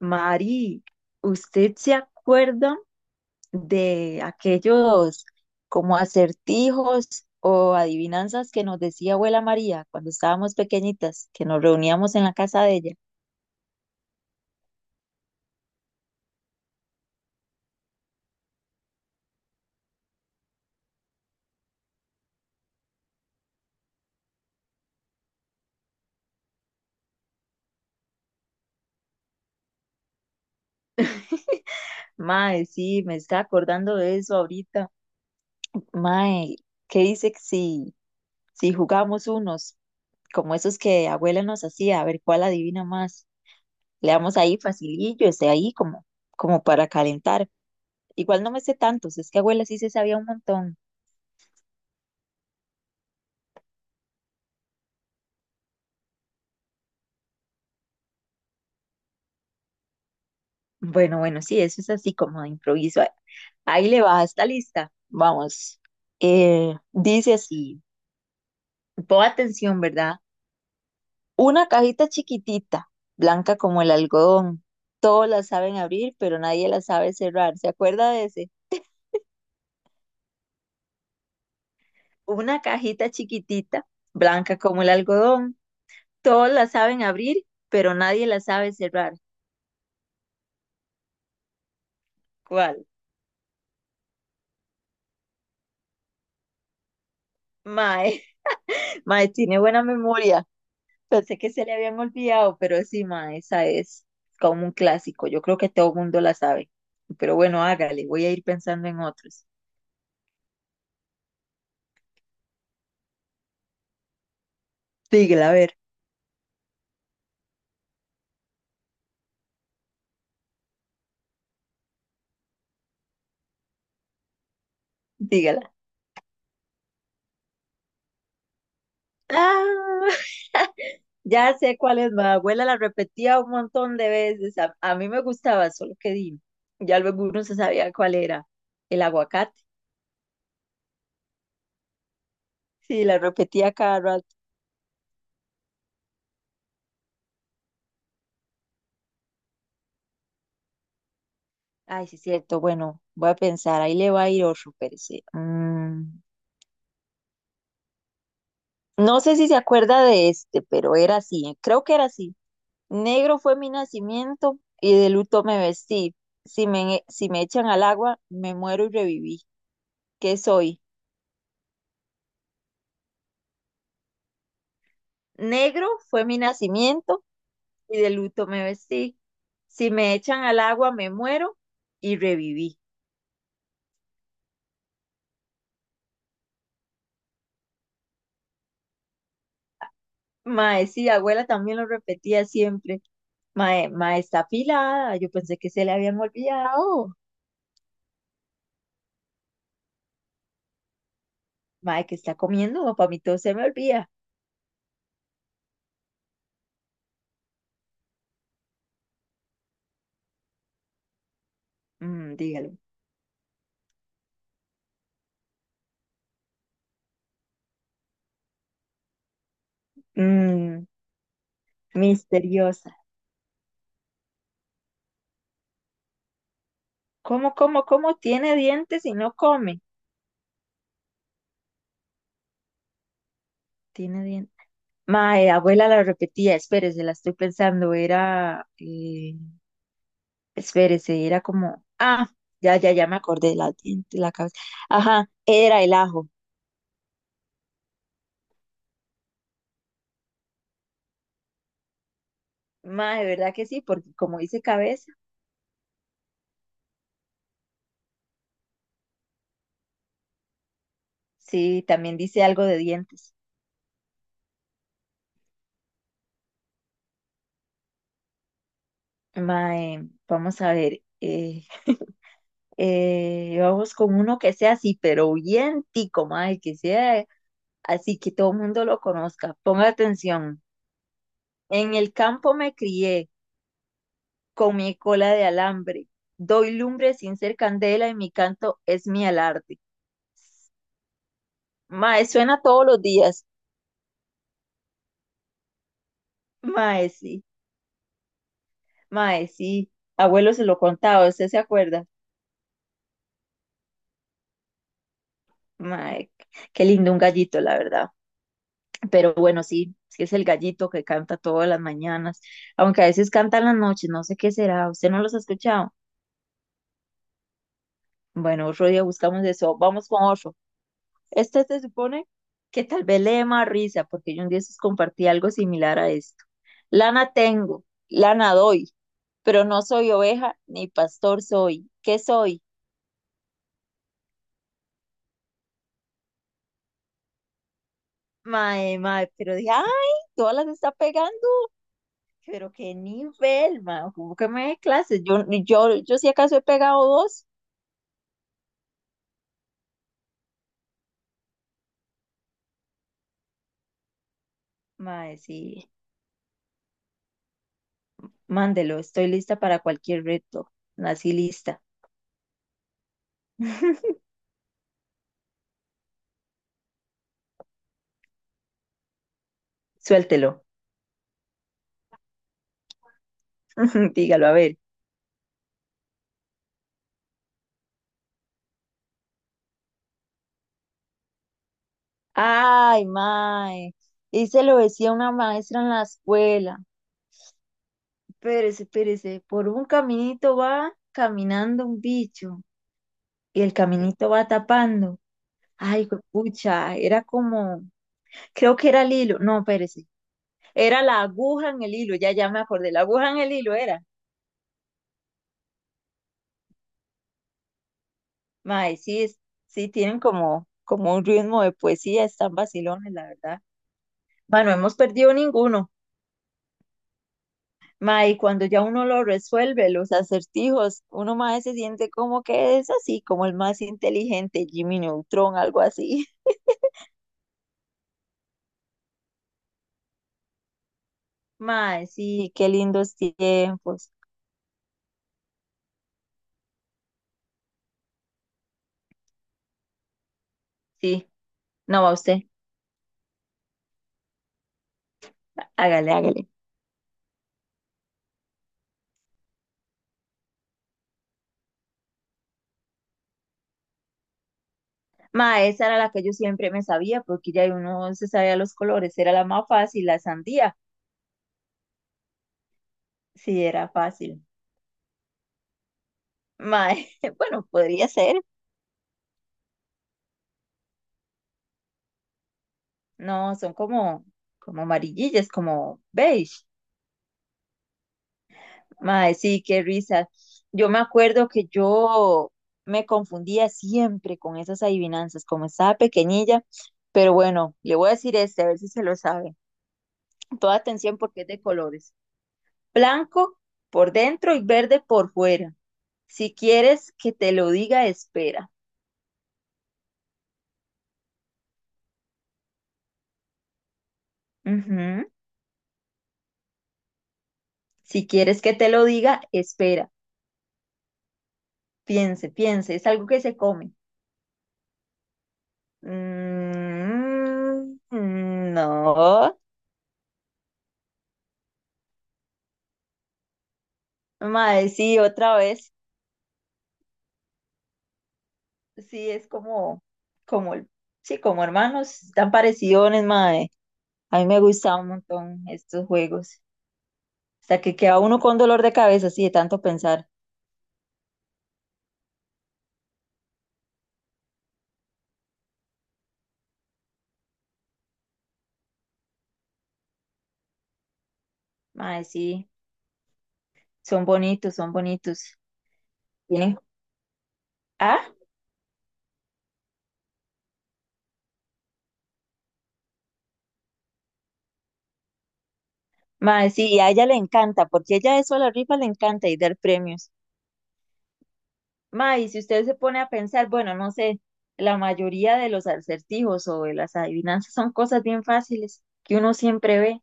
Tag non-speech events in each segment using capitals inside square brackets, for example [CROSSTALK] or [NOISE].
Mari, ¿usted se acuerda de aquellos como acertijos o adivinanzas que nos decía abuela María cuando estábamos pequeñitas, que nos reuníamos en la casa de ella? Mae, sí, me está acordando de eso ahorita. Mae, ¿qué dice que si jugamos unos como esos que abuela nos hacía? A ver cuál adivina más. Le damos ahí facilillo, ese ahí como para calentar. Igual no me sé tantos, es que abuela sí se sabía un montón. Bueno, sí, eso es así como de improviso. Ahí le va esta lista. Vamos. Dice así, pon atención, ¿verdad? Una cajita chiquitita, blanca como el algodón. Todos la saben abrir, pero nadie la sabe cerrar. ¿Se acuerda de ese? Una cajita chiquitita, blanca como el algodón. Todos la saben abrir, pero nadie la sabe cerrar. ¿Cuál? Mae, [LAUGHS] Mae, tiene buena memoria. Pensé que se le habían olvidado, pero sí, ma, esa es como un clásico. Yo creo que todo mundo la sabe. Pero bueno, hágale, voy a ir pensando en otros. Dígala, a ver, dígala. Ah, [LAUGHS] ya sé cuál es, ma. Abuela la repetía un montón de veces. A mí me gustaba, solo que di, ya luego uno se sabía cuál era. El aguacate. Sí, la repetía cada rato. Ay, sí, es cierto. Bueno, voy a pensar. Ahí le va a ir otro, pero sí. Mm. No sé si se acuerda de este, pero era así, creo que era así. Negro fue mi nacimiento y de luto me vestí. Si me echan al agua, me muero y reviví. ¿Qué soy? Negro fue mi nacimiento y de luto me vestí. Si me echan al agua, me muero y reviví. Mae, sí, abuela también lo repetía siempre. Mae, mae está afilada. Yo pensé que se le habían olvidado. Mae, que está comiendo? Para mí todo se me olvida. Mm, dígalo. Mm, misteriosa. ¿Cómo, cómo, cómo tiene dientes y no come? Tiene dientes. Mae, abuela la repetía, espérese, la estoy pensando, era, espérese, era como, ya me acordé, la, diente, la cabeza, ajá, era el ajo. Mae, ¿verdad que sí? Porque como dice cabeza, sí, también dice algo de dientes. Mae, vamos a ver, vamos con uno que sea así, pero bien tico, mae, que sea así que todo el mundo lo conozca. Ponga atención. En el campo me crié con mi cola de alambre. Doy lumbre sin ser candela y mi canto es mi alarde. Mae, suena todos los días. Mae, sí. Mae, sí. Abuelo se lo contaba, ¿usted se acuerda? Mae, qué lindo un gallito, la verdad. Pero bueno, sí, sí es el gallito que canta todas las mañanas, aunque a veces canta en las noches, no sé qué será. ¿Usted no los ha escuchado? Bueno, otro día buscamos eso. Vamos con otro. Este se supone que tal vez le dé más risa, porque yo un día sus compartí algo similar a esto. Lana tengo, lana doy, pero no soy oveja ni pastor soy. ¿Qué soy? Mae, pero dije, ay, todas las está pegando, pero qué nivel, mae, como que me dé clases. Yo si acaso he pegado dos. Mae, sí, mándelo, estoy lista para cualquier reto. Nací lista. [LAUGHS] Suéltelo, [LAUGHS] dígalo, a ver. Ay, mae. Y se lo decía una maestra en la escuela. Espérese, espérese. Por un caminito va caminando un bicho y el caminito va tapando. Ay, pucha, era como, creo que era el hilo. No, espérese. Era la aguja en el hilo, ya, ya me acordé. La aguja en el hilo era. Mae, sí, sí tienen como, como un ritmo de poesía, están vacilones, la verdad. Bueno, hemos perdido ninguno. Mae, y cuando ya uno lo resuelve, los acertijos, uno más se siente como que es así, como el más inteligente, Jimmy Neutron, algo así. [LAUGHS] Mae, sí, qué lindos tiempos. Sí, no va usted, hágale. Mae, esa era la que yo siempre me sabía, porque ya uno se sabía los colores, era la más fácil, la sandía. Sí, era fácil. Mae, [LAUGHS] bueno, podría ser. No, son como, como amarillillas, como beige. Mae, sí, qué risa. Yo me acuerdo que yo me confundía siempre con esas adivinanzas, como estaba pequeñilla, pero bueno, le voy a decir este, a ver si se lo sabe. Toda atención porque es de colores. Blanco por dentro y verde por fuera. Si quieres que te lo diga, espera. Ujú. Si quieres que te lo diga, espera. Piense, es algo que se come. No. Mae, sí, otra vez. Sí, es como, como, el- sí, como hermanos, tan parecidos, mae. A mí me gustaban un montón estos juegos. Hasta que queda uno con dolor de cabeza, así de tanto pensar. Mae, sí, son bonitos. Tienen, ah, Mae, sí, y a ella le encanta, porque ella eso a la rifa le encanta y dar premios. Mae, y si usted se pone a pensar, bueno, no sé, la mayoría de los acertijos o de las adivinanzas son cosas bien fáciles que uno siempre ve.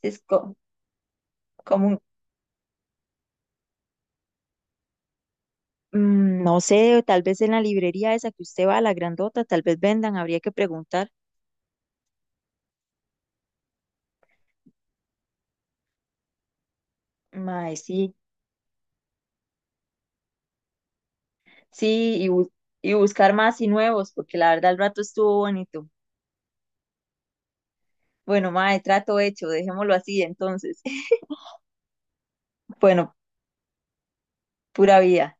Es co- como, Mm, no sé, tal vez en la librería esa que usted va, la grandota, tal vez vendan, habría que preguntar. Mae, sí, sí, y buscar más y nuevos, porque la verdad el rato estuvo bonito. Bueno, mae, trato hecho, dejémoslo así entonces. [LAUGHS] Bueno, pura vida.